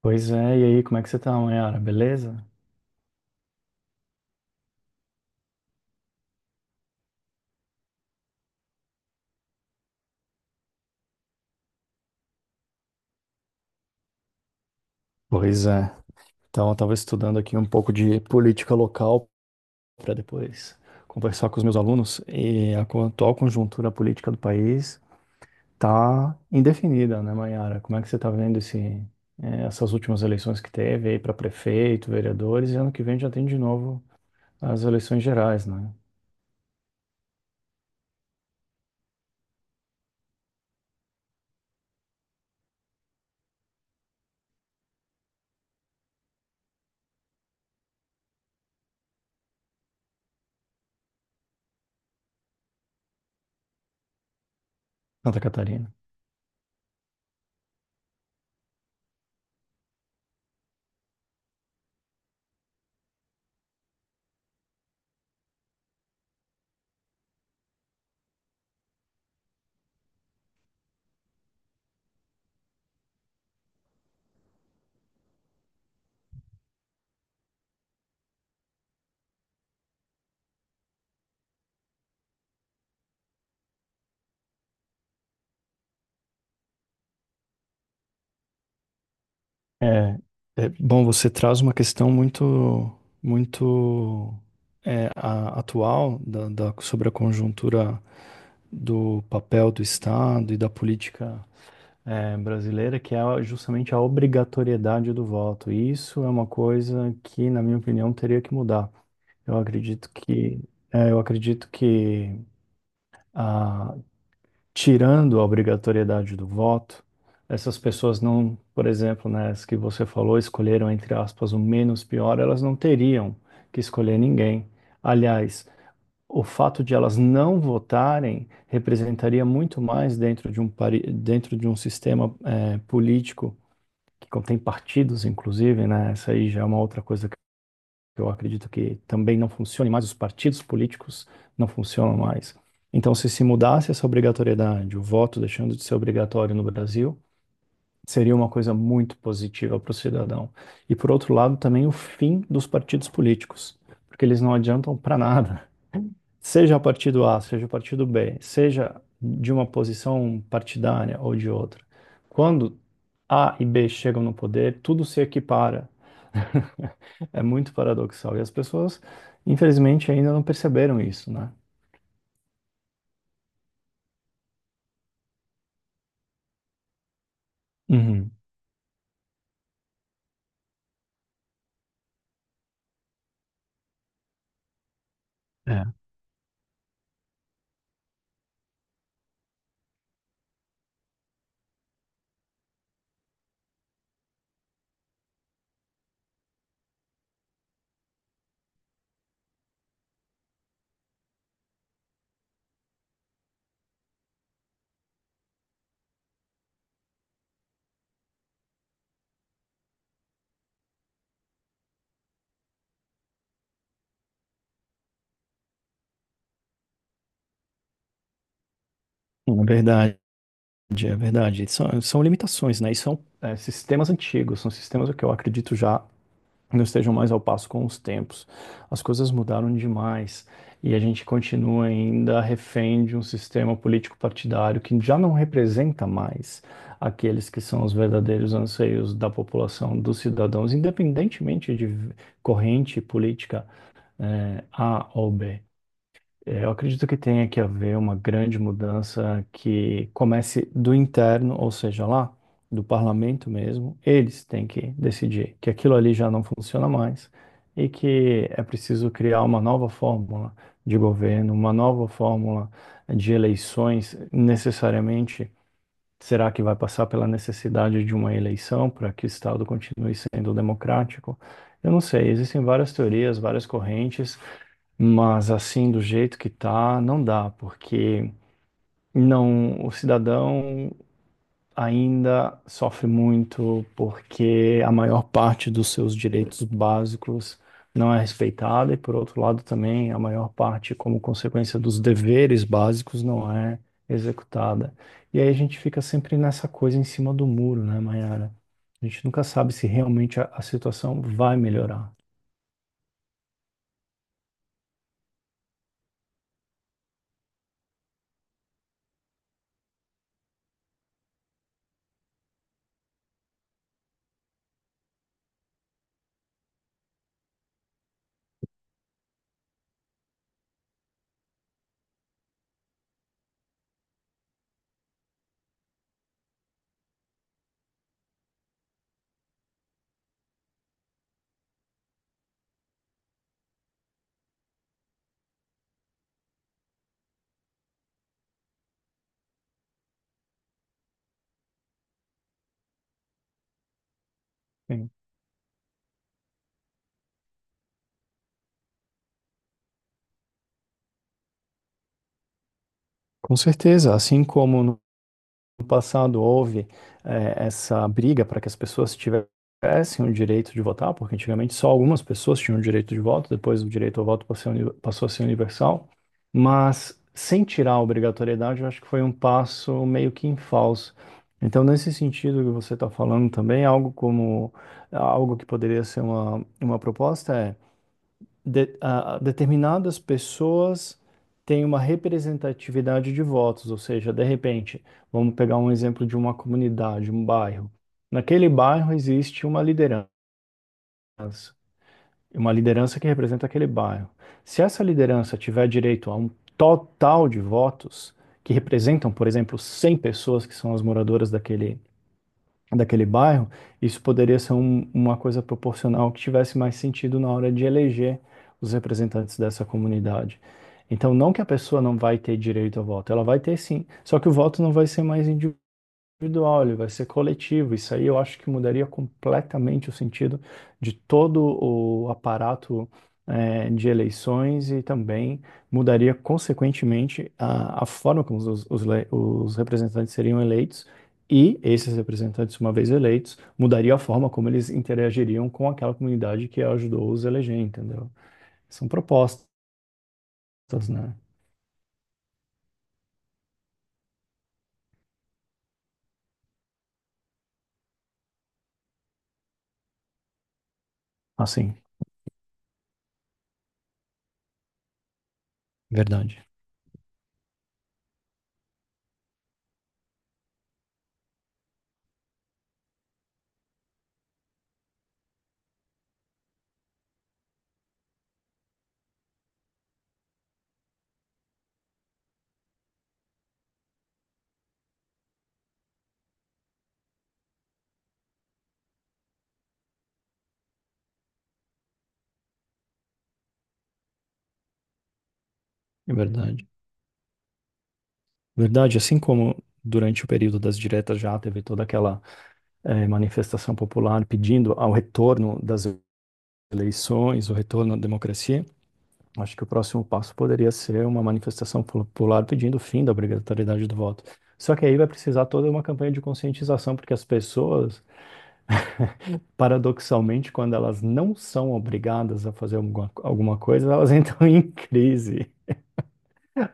Pois é, e aí, como é que você tá, Mayara? Beleza? Pois é. Então, eu tava estudando aqui um pouco de política local para depois conversar com os meus alunos e a atual conjuntura política do país tá indefinida, né, Mayara? Como é que você tá vendo essas últimas eleições que teve aí para prefeito, vereadores e ano que vem já tem de novo as eleições gerais, né? Santa Catarina. É, Bom, você traz uma questão muito atual sobre a conjuntura do papel do Estado e da política brasileira, que é justamente a obrigatoriedade do voto. E isso é uma coisa que, na minha opinião, teria que mudar. Eu acredito que, eu acredito que, tirando a obrigatoriedade do voto, essas pessoas não, por exemplo, né, as que você falou, escolheram, entre aspas, o menos pior, elas não teriam que escolher ninguém. Aliás, o fato de elas não votarem representaria muito mais dentro de dentro de um sistema, político que contém partidos, inclusive, né? Essa aí já é uma outra coisa, eu acredito que também não funcione mais, os partidos políticos não funcionam mais. Então, se mudasse essa obrigatoriedade, o voto deixando de ser obrigatório no Brasil, seria uma coisa muito positiva para o cidadão. E, por outro lado, também o fim dos partidos políticos, porque eles não adiantam para nada, seja o partido A, seja o partido B, seja de uma posição partidária ou de outra, quando A e B chegam no poder, tudo se equipara. É muito paradoxal. E as pessoas, infelizmente, ainda não perceberam isso, né? Uhum. É, é verdade, é verdade. São limitações, né? E sistemas antigos, são sistemas que eu acredito já não estejam mais ao passo com os tempos. As coisas mudaram demais e a gente continua ainda refém de um sistema político partidário que já não representa mais aqueles que são os verdadeiros anseios da população, dos cidadãos, independentemente de corrente política, A ou B. É, eu acredito que tenha que haver uma grande mudança que comece do interno, ou seja, lá do parlamento mesmo. Eles têm que decidir que aquilo ali já não funciona mais e que é preciso criar uma nova fórmula de governo, uma nova fórmula de eleições. Necessariamente, será que vai passar pela necessidade de uma eleição para que o Estado continue sendo democrático? Eu não sei, existem várias teorias, várias correntes. Mas assim, do jeito que tá, não dá, porque não, o cidadão ainda sofre muito porque a maior parte dos seus direitos básicos não é respeitada e, por outro lado, também a maior parte, como consequência dos deveres básicos, não é executada. E aí a gente fica sempre nessa coisa em cima do muro, né, Mayara? A gente nunca sabe se realmente a situação vai melhorar. Sim. Com certeza, assim como no passado houve, essa briga para que as pessoas tivessem o direito de votar, porque antigamente só algumas pessoas tinham o direito de voto, depois o direito ao voto passou a ser passou a ser universal, mas sem tirar a obrigatoriedade, eu acho que foi um passo meio que em falso. Então, nesse sentido que você está falando também, algo como algo que poderia ser uma proposta é determinadas pessoas têm uma representatividade de votos, ou seja, de repente, vamos pegar um exemplo de uma comunidade, um bairro. Naquele bairro existe uma liderança que representa aquele bairro. Se essa liderança tiver direito a um total de votos, que representam, por exemplo, 100 pessoas que são as moradoras daquele bairro, isso poderia ser uma coisa proporcional que tivesse mais sentido na hora de eleger os representantes dessa comunidade. Então, não que a pessoa não vai ter direito ao voto, ela vai ter sim, só que o voto não vai ser mais individual, ele vai ser coletivo. Isso aí eu acho que mudaria completamente o sentido de todo o aparato, de eleições, e também mudaria, consequentemente, a forma como os representantes seriam eleitos. E esses representantes, uma vez eleitos, mudaria a forma como eles interagiriam com aquela comunidade que ajudou os a eleger, entendeu? São propostas, né? Assim, verdade, é verdade. Verdade, assim como durante o período das diretas já teve toda aquela, manifestação popular pedindo ao retorno das eleições, o retorno à democracia, acho que o próximo passo poderia ser uma manifestação popular pedindo o fim da obrigatoriedade do voto. Só que aí vai precisar toda uma campanha de conscientização, porque as pessoas, paradoxalmente, quando elas não são obrigadas a fazer alguma coisa, elas entram em crise.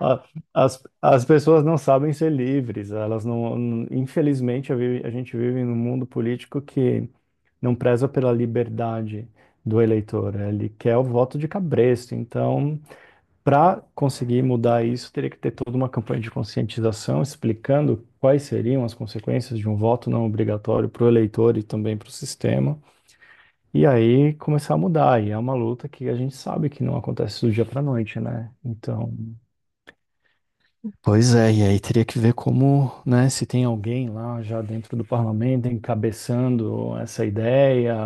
A- As, as pessoas não sabem ser livres, elas infelizmente, a gente vive num mundo político que não preza pela liberdade do eleitor, ele quer o voto de cabresto. Então, para conseguir mudar isso, teria que ter toda uma campanha de conscientização explicando quais seriam as consequências de um voto não obrigatório para o eleitor e também para o sistema. E aí começar a mudar. E é uma luta que a gente sabe que não acontece do dia para noite, né? Então. Pois é, e aí teria que ver como, né, se tem alguém lá já dentro do parlamento encabeçando essa ideia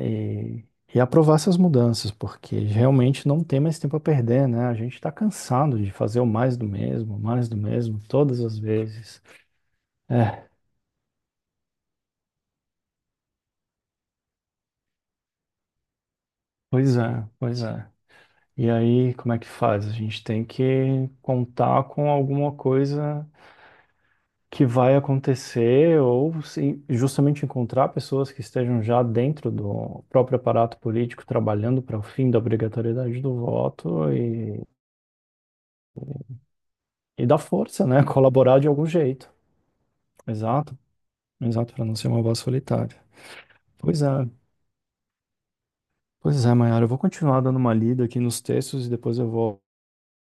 e, e aprovar essas mudanças, porque realmente não tem mais tempo a perder, né? A gente está cansado de fazer o mais do mesmo, todas as vezes. É, pois é, pois é. E aí, como é que faz? A gente tem que contar com alguma coisa que vai acontecer ou se justamente encontrar pessoas que estejam já dentro do próprio aparato político trabalhando para o fim da obrigatoriedade do voto e dar força, né? Colaborar de algum jeito. Exato, exato, para não ser uma voz solitária. Pois é, pois é, Mayara, eu vou continuar dando uma lida aqui nos textos e depois eu vou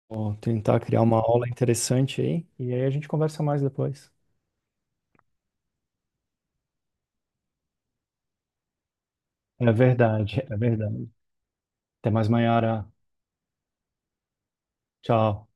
vou tentar criar uma aula interessante aí e aí a gente conversa mais depois. É verdade, é verdade. Até mais, Mayara. Tchau.